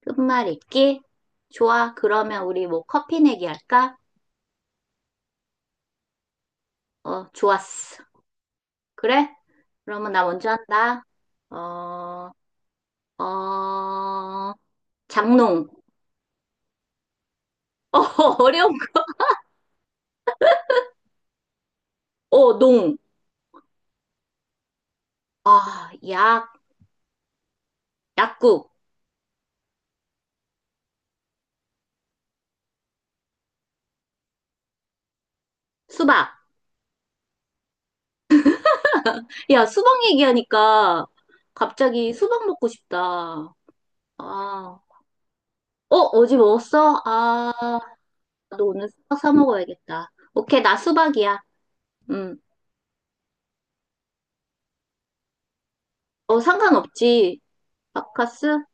끝말잇기? 좋아. 그러면 우리 뭐 커피 내기 할까? 어, 좋았어. 그래? 그러면 나 먼저 한다. 어, 어, 장롱. 어, 어려운 거. 어, 농. 아, 약, 약국. 수박. 야, 수박 얘기하니까 갑자기 수박 먹고 싶다. 아, 어제 먹었어? 아, 나도 오늘 수박 사 먹어야겠다. 오케이, 나 수박이야. 음, 어, 상관없지. 바카스?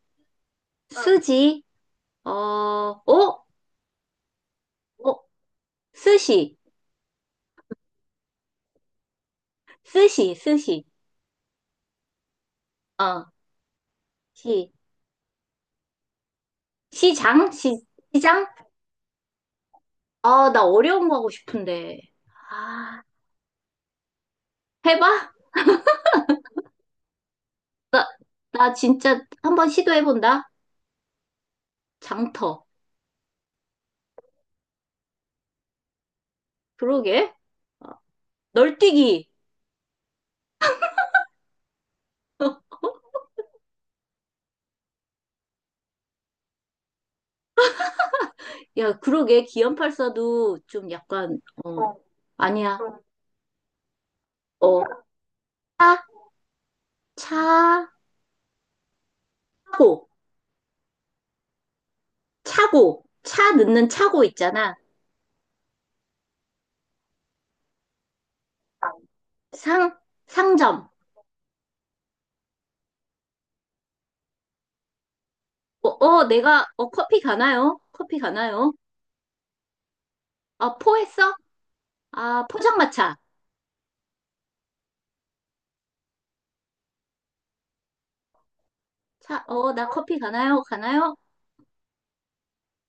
응. 스지? 어, 어? 어? 스시. 스시, 스시. 어, 시. 시장? 시장? 아, 나 어려운 거 하고 싶은데. 아, 해봐? 나 진짜 한번 시도해본다. 장터. 그러게. 어, 널뛰기. 야, 그러게. 기연팔사도 좀 약간, 아니야. 어. 차, 차고, 차고, 차 넣는 차고 있잖아. 상, 상점. 내가, 커피 가나요? 커피 가나요? 아, 포했어? 아, 포장마차. 차, 나 커피 가나요? 가나요?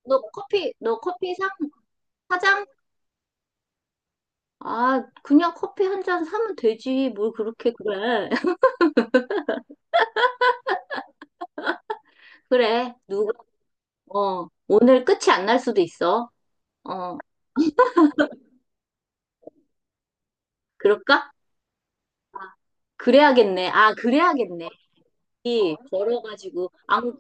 너 커피 상, 사장? 아, 그냥 커피 한 잔 사면 되지. 뭘 그렇게 그래. 그래, 어, 오늘 끝이 안 날 수도 있어. 어, 그럴까? 그래야겠네. 아, 그래야겠네. 이, 걸어가지고, 안,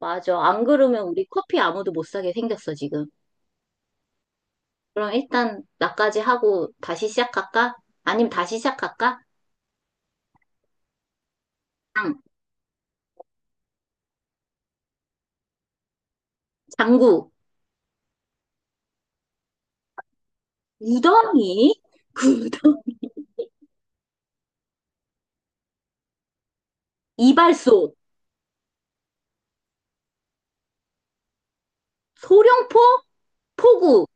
맞아. 안 그러면 우리 커피 아무도 못 사게 생겼어, 지금. 그럼 일단 나까지 하고 다시 시작할까? 아니면 다시 시작할까? 장, 장구, 우덩이, 구덩이, 이발소, 소룡포, 포구,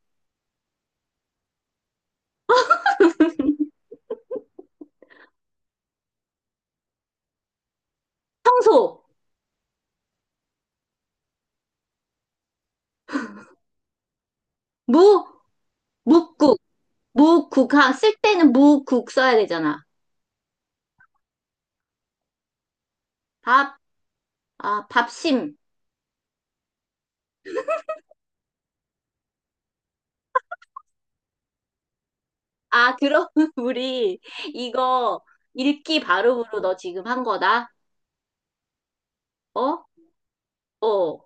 청소, 무, 묵국, 무국, 아, 쓸 때는 무국 써야 되잖아. 밥, 아, 밥심. 아, 그럼 우리 이거 읽기 발음으로 너 지금 한 거다? 어? 어.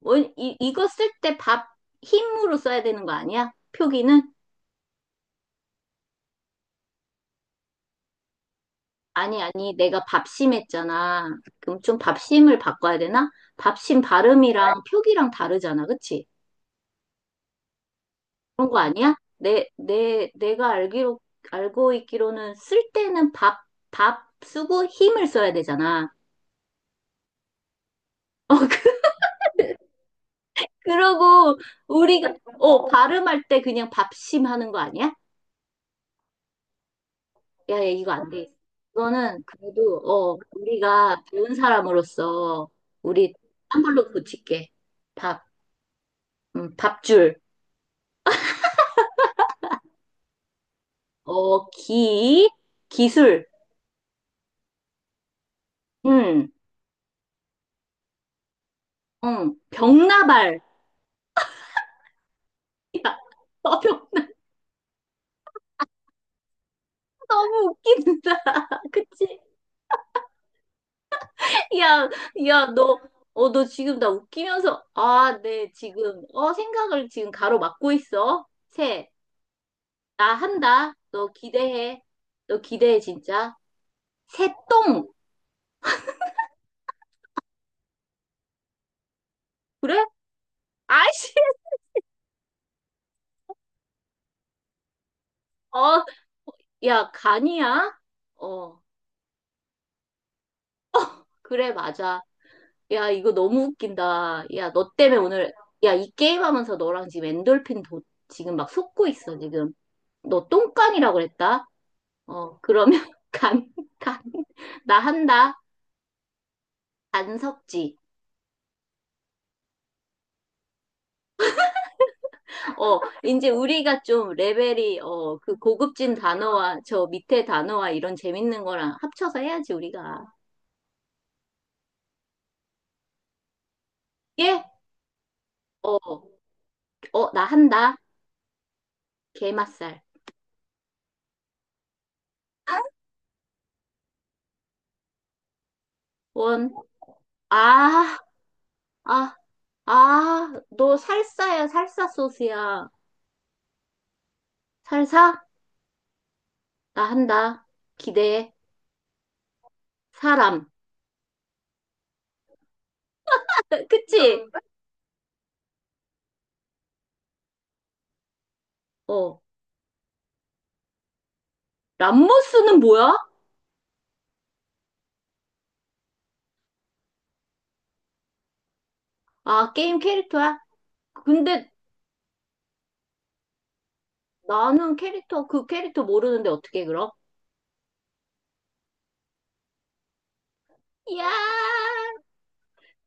이거 쓸 때 밥, 힘으로 써야 되는 거 아니야? 표기는? 아니, 아니, 내가 밥심했잖아. 그럼 좀 밥심을 바꿔야 되나? 밥심 발음이랑 표기랑 다르잖아, 그치? 그런 거 아니야? 내가 알고 있기로는 쓸 때는 밥, 밥 쓰고 힘을 써야 되잖아. 어, 그- 그러고, 우리가, 발음할 때 그냥 밥심 하는 거 아니야? 야, 야, 이거 안 돼. 이거는 그래도, 우리가 배운 사람으로서, 우리 한 걸로 고칠게. 밥, 밥줄. 기, 기술, 응, 응, 병나발. 야, 병, 너무 웃긴다. 그치? 야, 야, 너 지금 나 웃기면서, 아, 네, 지금, 생각을 지금 가로막고 있어. 나 한다. 너 기대해. 너 기대해, 진짜. 새똥. 그래? 아이씨, 어, 어, 야, 간이야? 어, 그래, 맞아. 야, 이거 너무 웃긴다. 야, 너 때문에 오늘, 야, 이 게임 하면서 너랑 지금 엔돌핀 도, 지금 막 솟고 있어, 지금. 너 똥깡이라고 그랬다? 그러면 간, 간, 나 한다. 간섭지. 어, 이제 우리가 좀 레벨이, 그 고급진 단어와 저 밑에 단어와 이런 재밌는 거랑 합쳐서 해야지, 우리가. 예? 어, 나 한다. 게맛살. 원, 아, 아, 아, 너 살사야, 살사 소스야. 살사? 나 한다. 기대해. 사람. 그치? 어. 람모스는 뭐야? 아, 게임 캐릭터야? 근데 나는 그 캐릭터 모르는데 어떻게 그럼? 야,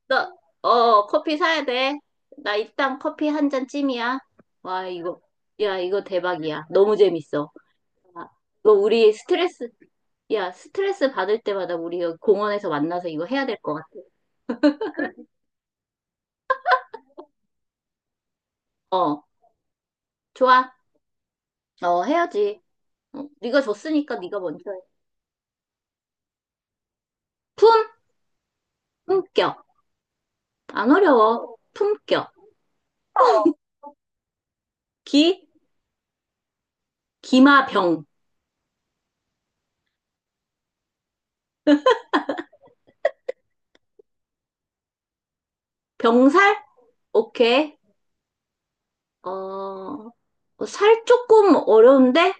나, 커피 사야 돼. 나 일단 커피 한 잔 찜이야. 와, 이거, 야, 이거 대박이야. 너무 재밌어. 아, 이거 우리 스트레스, 야, 스트레스 받을 때마다 우리 여기 공원에서 만나서 이거 해야 될 것 같아. 어, 좋아. 어, 해야지. 어? 네가 줬으니까 네가 먼저 해. 품, 품격. 안 어려워. 품격. 기, 기마병. 병살? 오케이. 어, 살 조금 어려운데?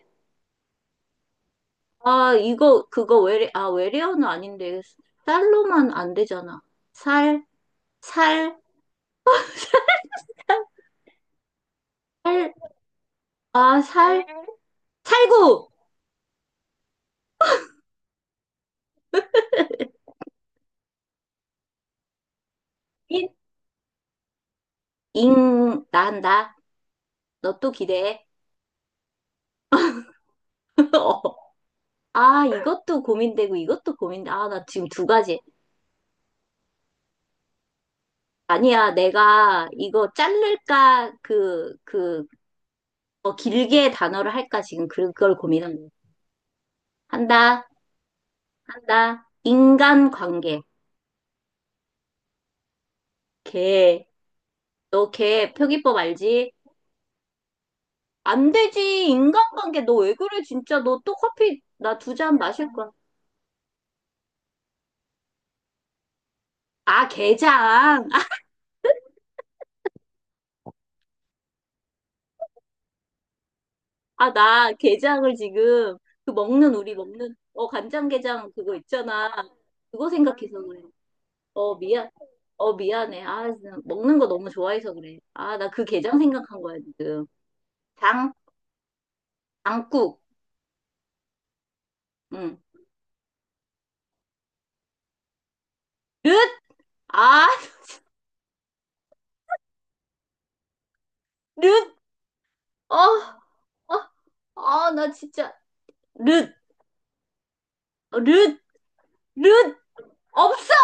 아, 이거, 그거 아, 외래어는 아닌데. 쌀로만 안 되잖아. 살, 살, 살, 아, 살, 살구! 인, 잉, 난다. 너 또 기대해. 어. 아, 이것도 고민되고, 이것도 고민돼. 아, 나 지금 두 가지. 아니야, 내가 이거 자를까, 더 길게 단어를 할까, 지금 그걸 고민한 거야. 한다, 한다. 인간관계. 걔, 너 걔 표기법 알지? 안 되지, 인간관계. 너 왜 그래, 진짜. 너 또 커피, 나 두 잔 마실 거야. 아, 게장. 아, 나 게장을 지금, 그 먹는, 우리 먹는, 간장게장 그거 있잖아. 그거 생각해서 그래. 어, 미안. 어, 미안해. 아, 진짜 먹는 거 너무 좋아해서 그래. 아, 나 그 게장 생각한 거야, 지금. 장, 장국. 응. 릇! 아, 릇! 어, 어, 아, 나 진짜. 릇! 릇! 릇! 없어!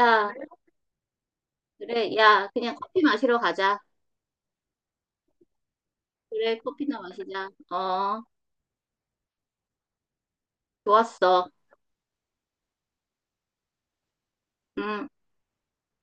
야, 그래. 야, 그냥 커피 마시러 가자. 그래, 커피나 마시자. 어, 좋았어. 음.